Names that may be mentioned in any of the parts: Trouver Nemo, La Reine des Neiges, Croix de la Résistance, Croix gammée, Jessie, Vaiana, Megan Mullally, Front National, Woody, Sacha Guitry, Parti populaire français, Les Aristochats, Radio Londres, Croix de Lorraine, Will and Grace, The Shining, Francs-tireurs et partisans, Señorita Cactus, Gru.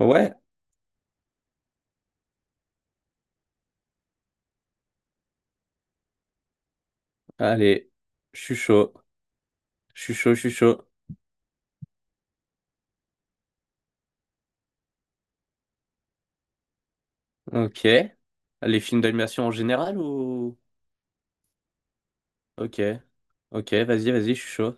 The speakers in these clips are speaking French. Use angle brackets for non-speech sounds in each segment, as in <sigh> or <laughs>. Ouais, allez, je suis chaud, je suis chaud. Ok. Les films d'animation en général ou... Ok, ok, vas-y, vas-y, je suis chaud.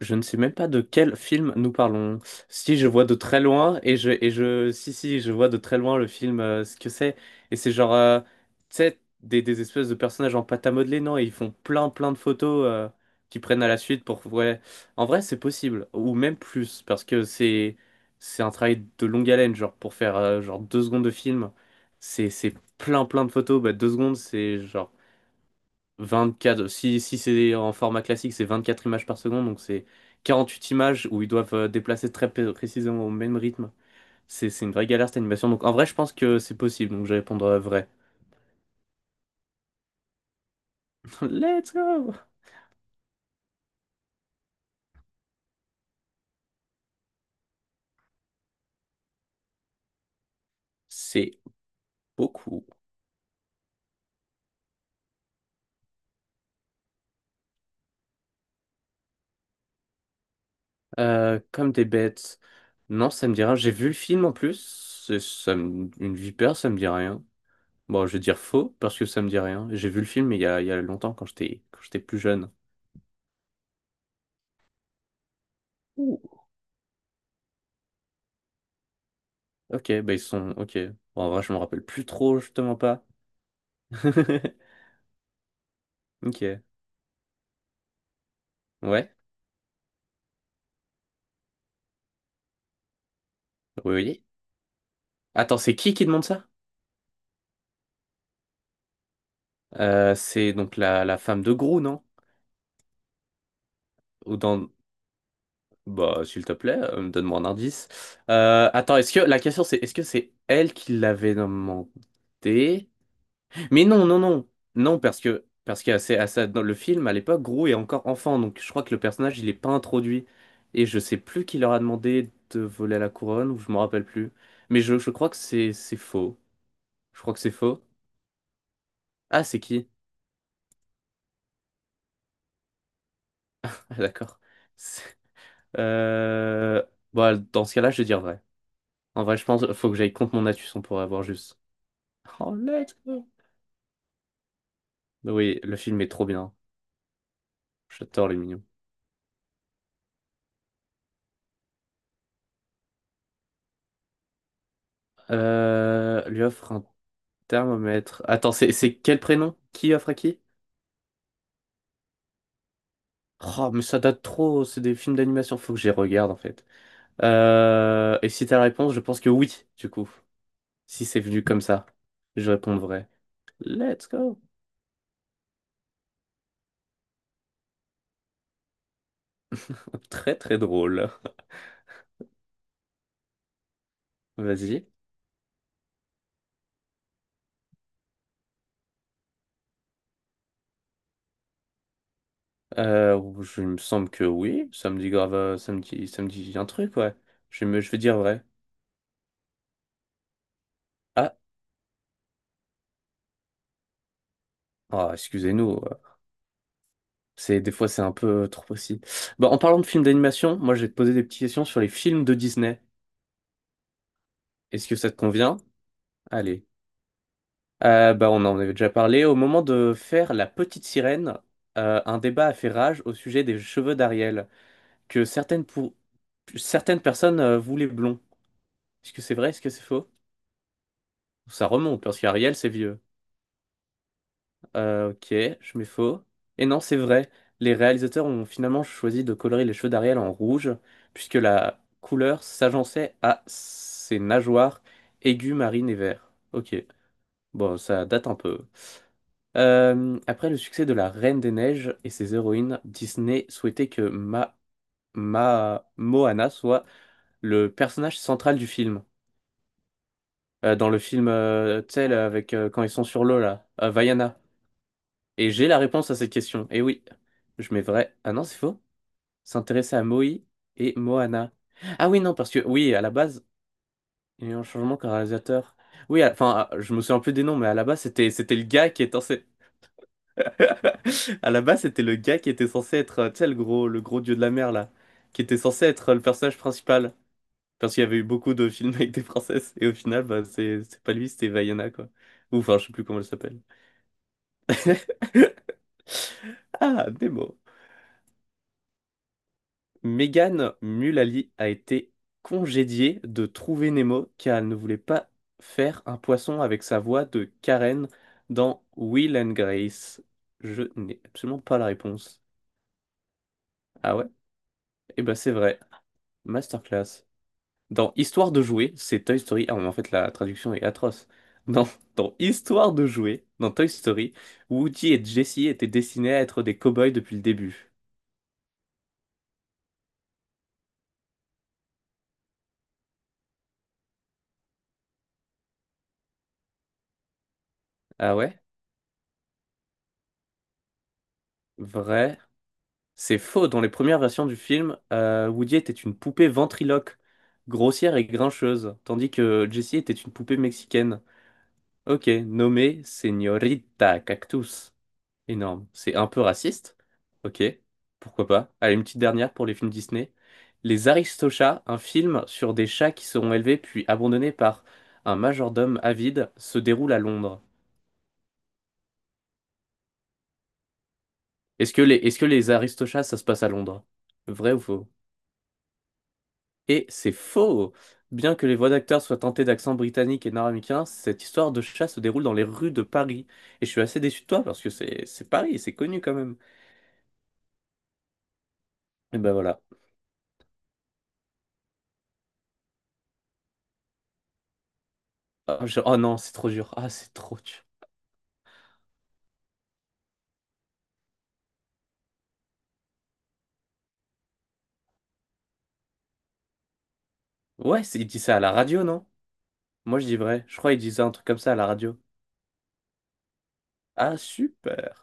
Je ne sais même pas de quel film nous parlons. Si je vois de très loin et je si je vois de très loin le film ce que c'est et c'est genre tu sais des espèces de personnages en pâte à modeler, non, et ils font plein plein de photos qu'ils prennent à la suite pour, ouais, en vrai c'est possible ou même plus parce que c'est un travail de longue haleine, genre pour faire genre 2 secondes de film, c'est plein plein de photos. Bah 2 secondes c'est genre 24, si, si c'est en format classique, c'est 24 images par seconde, donc c'est 48 images où ils doivent déplacer très précisément au même rythme. C'est une vraie galère cette animation. Donc en vrai, je pense que c'est possible, donc je vais répondre vrai. <laughs> Let's go! C'est beaucoup. Comme des bêtes. Non, ça me dit rien. J'ai vu le film en plus. Une vipère, ça me dit rien. Bon, je vais dire faux parce que ça me dit rien. J'ai vu le film il y a longtemps quand j'étais plus jeune. Ouh. Ok, bah ils sont. Ok. Bon, en vrai, je me rappelle plus trop, justement pas. <laughs> Ok. Ouais. Oui, oui. Attends, c'est qui demande ça? C'est donc la femme de Gru, non? Ou dans... Bah, s'il te plaît, donne-moi un indice. Attends, est-ce que la question c'est est-ce que c'est elle qui l'avait demandé? Mais non, non, non. Non, parce que dans le film à l'époque, Gru est encore enfant, donc je crois que le personnage il est pas introduit. Et je sais plus qui leur a demandé de voler la couronne, ou je me rappelle plus. Mais je crois que c'est faux. Je crois que c'est faux. Ah, c'est qui? Ah, d'accord. C'est- Euh... bah, dans ce cas-là, je vais dire vrai. En vrai, je pense faut que j'aille contre mon Atus, pour avoir juste. Oh, let's go. Oui, le film est trop bien. J'adore les mignons. Lui offre un thermomètre. Attends, c'est quel prénom? Qui offre à qui? Oh, mais ça date trop, c'est des films d'animation, faut que j'y regarde en fait. Et si t'as la réponse, je pense que oui, du coup. Si c'est venu comme ça, je réponds vrai. Let's go. Très très drôle. Vas-y. Je il me semble que oui, ça me dit grave, ça me dit un truc, ouais. Je vais dire vrai. Ah, ah, excusez-nous, c'est des fois c'est un peu trop facile. Bon, en parlant de films d'animation, moi je vais te poser des petites questions sur les films de Disney. Est-ce que ça te convient? Allez. Bah, on en avait déjà parlé. Au moment de faire La Petite Sirène, un débat a fait rage au sujet des cheveux d'Ariel, que certaines, pour... certaines personnes voulaient blond. Est-ce que c'est vrai? Est-ce que c'est faux? Ça remonte parce qu'Ariel c'est vieux. Ok, je mets faux. Et non, c'est vrai. Les réalisateurs ont finalement choisi de colorer les cheveux d'Ariel en rouge, puisque la couleur s'agençait à ses nageoires aiguës, marines et verts. Ok, bon, ça date un peu. Après le succès de La Reine des Neiges et ses héroïnes, Disney souhaitait que Ma Moana soit le personnage central du film. Dans le film, tu sais, là, avec quand ils sont sur l'eau là, Vaiana. Et j'ai la réponse à cette question. Et oui, je mets vrai. Ah non, c'est faux. S'intéresser à Moï et Moana. Ah oui, non, parce que oui, à la base, il y a eu un changement qu'un réalisateur. Oui, je me souviens plus des noms, mais à la base, c'était le gars qui était censé. <laughs> À la base, c'était le gars qui était censé être, tu sais, le gros dieu de la mer, là, qui était censé être le personnage principal. Parce qu'il y avait eu beaucoup de films avec des princesses, et au final, bah, c'est pas lui, c'était Vaiana, quoi. Ou enfin, je sais plus comment elle s'appelle. <laughs> Ah, Nemo. Megan Mullally a été congédiée de Trouver Nemo car elle ne voulait pas faire un poisson avec sa voix de Karen dans Will and Grace. Je n'ai absolument pas la réponse. Ah ouais? Eh ben c'est vrai. Masterclass. Dans Histoire de jouer, c'est Toy Story. Ah, mais en fait, la traduction est atroce. Dans, dans Histoire de jouer, dans Toy Story, Woody et Jessie étaient destinés à être des cow-boys depuis le début. Ah ouais? Vrai. C'est faux. Dans les premières versions du film, Woody était une poupée ventriloque, grossière et grincheuse, tandis que Jessie était une poupée mexicaine. Ok, nommée Señorita Cactus. Énorme. C'est un peu raciste. Ok, pourquoi pas. Allez, une petite dernière pour les films Disney. Les Aristochats, un film sur des chats qui seront élevés puis abandonnés par un majordome avide, se déroule à Londres. Est-ce que les Aristochats, ça se passe à Londres? Vrai ou faux? Et c'est faux! Bien que les voix d'acteurs soient teintées d'accent britannique et nord-américain, cette histoire de chat se déroule dans les rues de Paris. Et je suis assez déçu de toi parce que c'est Paris, c'est connu quand même. Et ben voilà. Oh, non, c'est trop dur. Ah, c'est trop dur. Ouais, c'est- il dit ça à la radio, non? Moi, je dis vrai. Je crois qu'il disait un truc comme ça à la radio. Ah, super!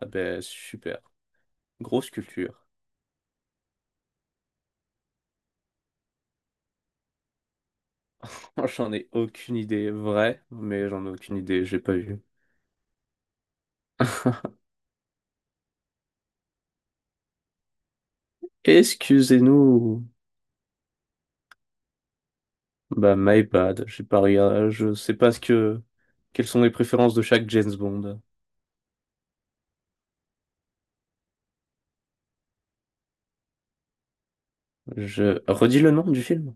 Ah ben, super. Grosse culture. <laughs> J'en ai aucune idée. Vrai, mais j'en ai aucune idée. J'ai pas vu. <laughs> Excusez-nous. Bah, my bad. J'ai pas regardé. Je sais pas ce que. Quelles sont les préférences de chaque James Bond. Je redis le nom du film.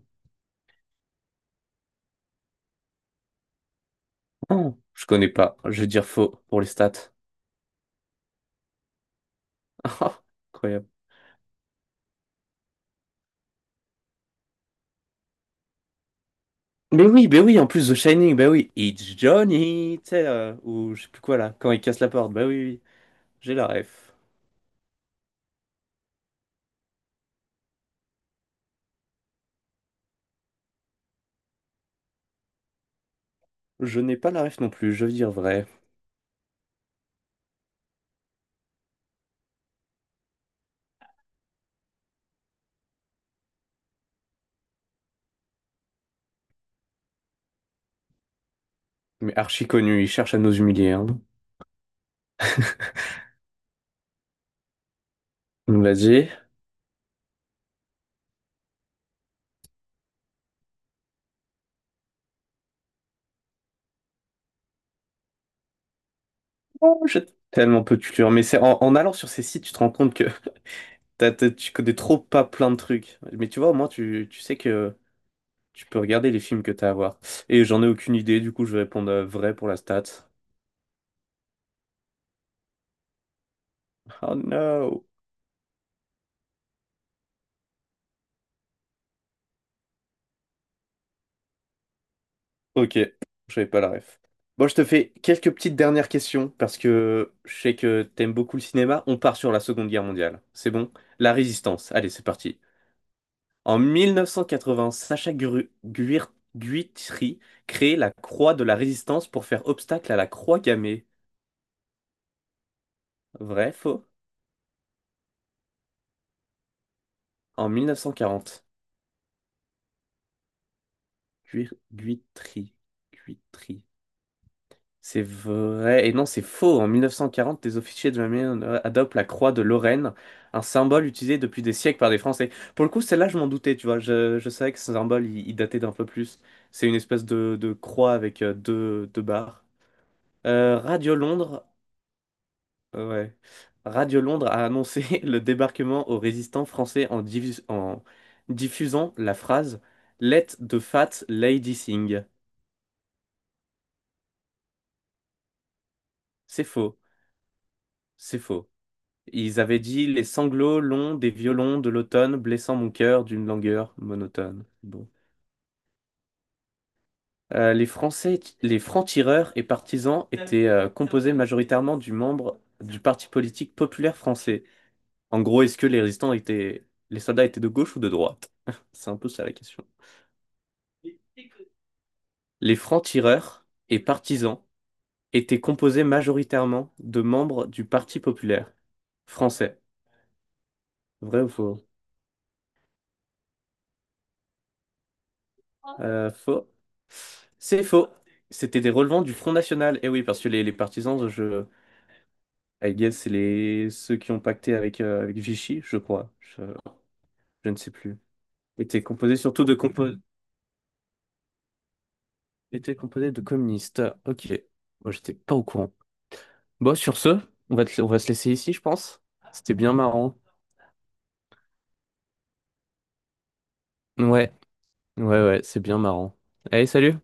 Oh, je connais pas. Je vais dire faux pour les stats. <laughs> Ah, incroyable. Mais oui, mais oui. En plus, The Shining. Bah oui. It's Johnny. Tu sais, ou je sais plus quoi là. Quand il casse la porte. Bah oui, oui, oui. J'ai la ref. Je n'ai pas la ref non plus. Je veux dire vrai. Mais archi connu. Il cherche à nous humilier. Hein. <laughs> Il nous... Oh, j'ai tellement peu de culture. Mais c'est en allant sur ces sites, tu te rends compte que tu connais trop pas plein de trucs. Mais tu vois, au moins, tu sais que tu peux regarder les films que t'as à voir. Et j'en ai aucune idée, du coup, je vais répondre vrai pour la stat. Oh no! Ok, j'avais pas la ref. Bon, je te fais quelques petites dernières questions, parce que je sais que t'aimes beaucoup le cinéma. On part sur la Seconde Guerre mondiale. C'est bon? La Résistance. Allez, c'est parti. En 1980, Sacha Guitry crée la Croix de la Résistance pour faire obstacle à la Croix gammée. Vrai, faux? En 1940. Guitry. Guitry. C'est vrai. Et non, c'est faux. En 1940, des officiers de la mer adoptent la croix de Lorraine, un symbole utilisé depuis des siècles par des Français. Pour le coup, celle-là, je m'en doutais, tu vois. Je savais que ce symbole, il datait d'un peu plus. C'est une espèce de croix avec deux, deux barres. Radio Londres, ouais. Radio Londres a annoncé <laughs> le débarquement aux résistants français en, diffusant la phrase Let the fat lady sing. C'est faux. C'est faux. Ils avaient dit les sanglots longs des violons de l'automne blessant mon cœur d'une langueur monotone. Bon. Les Français, les francs-tireurs et partisans étaient composés majoritairement du membres du Parti politique populaire français. En gros, est-ce que les résistants étaient, les soldats étaient de gauche ou de droite? <laughs> C'est un peu ça la question. Les francs-tireurs et partisans étaient composés majoritairement de membres du Parti populaire français. Vrai ou faux? Faux. C'est faux. C'était des relevants du Front National. Et oui, parce que les partisans, je, I guess, c'est les, ceux qui ont pacté avec, avec Vichy, je crois. Je ne sais plus. Était composé surtout de, était composé de communistes. Ok. Moi, j'étais pas au courant. Bon, sur ce, on va se laisser ici, je pense. C'était bien marrant. Ouais, ouais, ouais, c'est bien marrant. Allez, salut!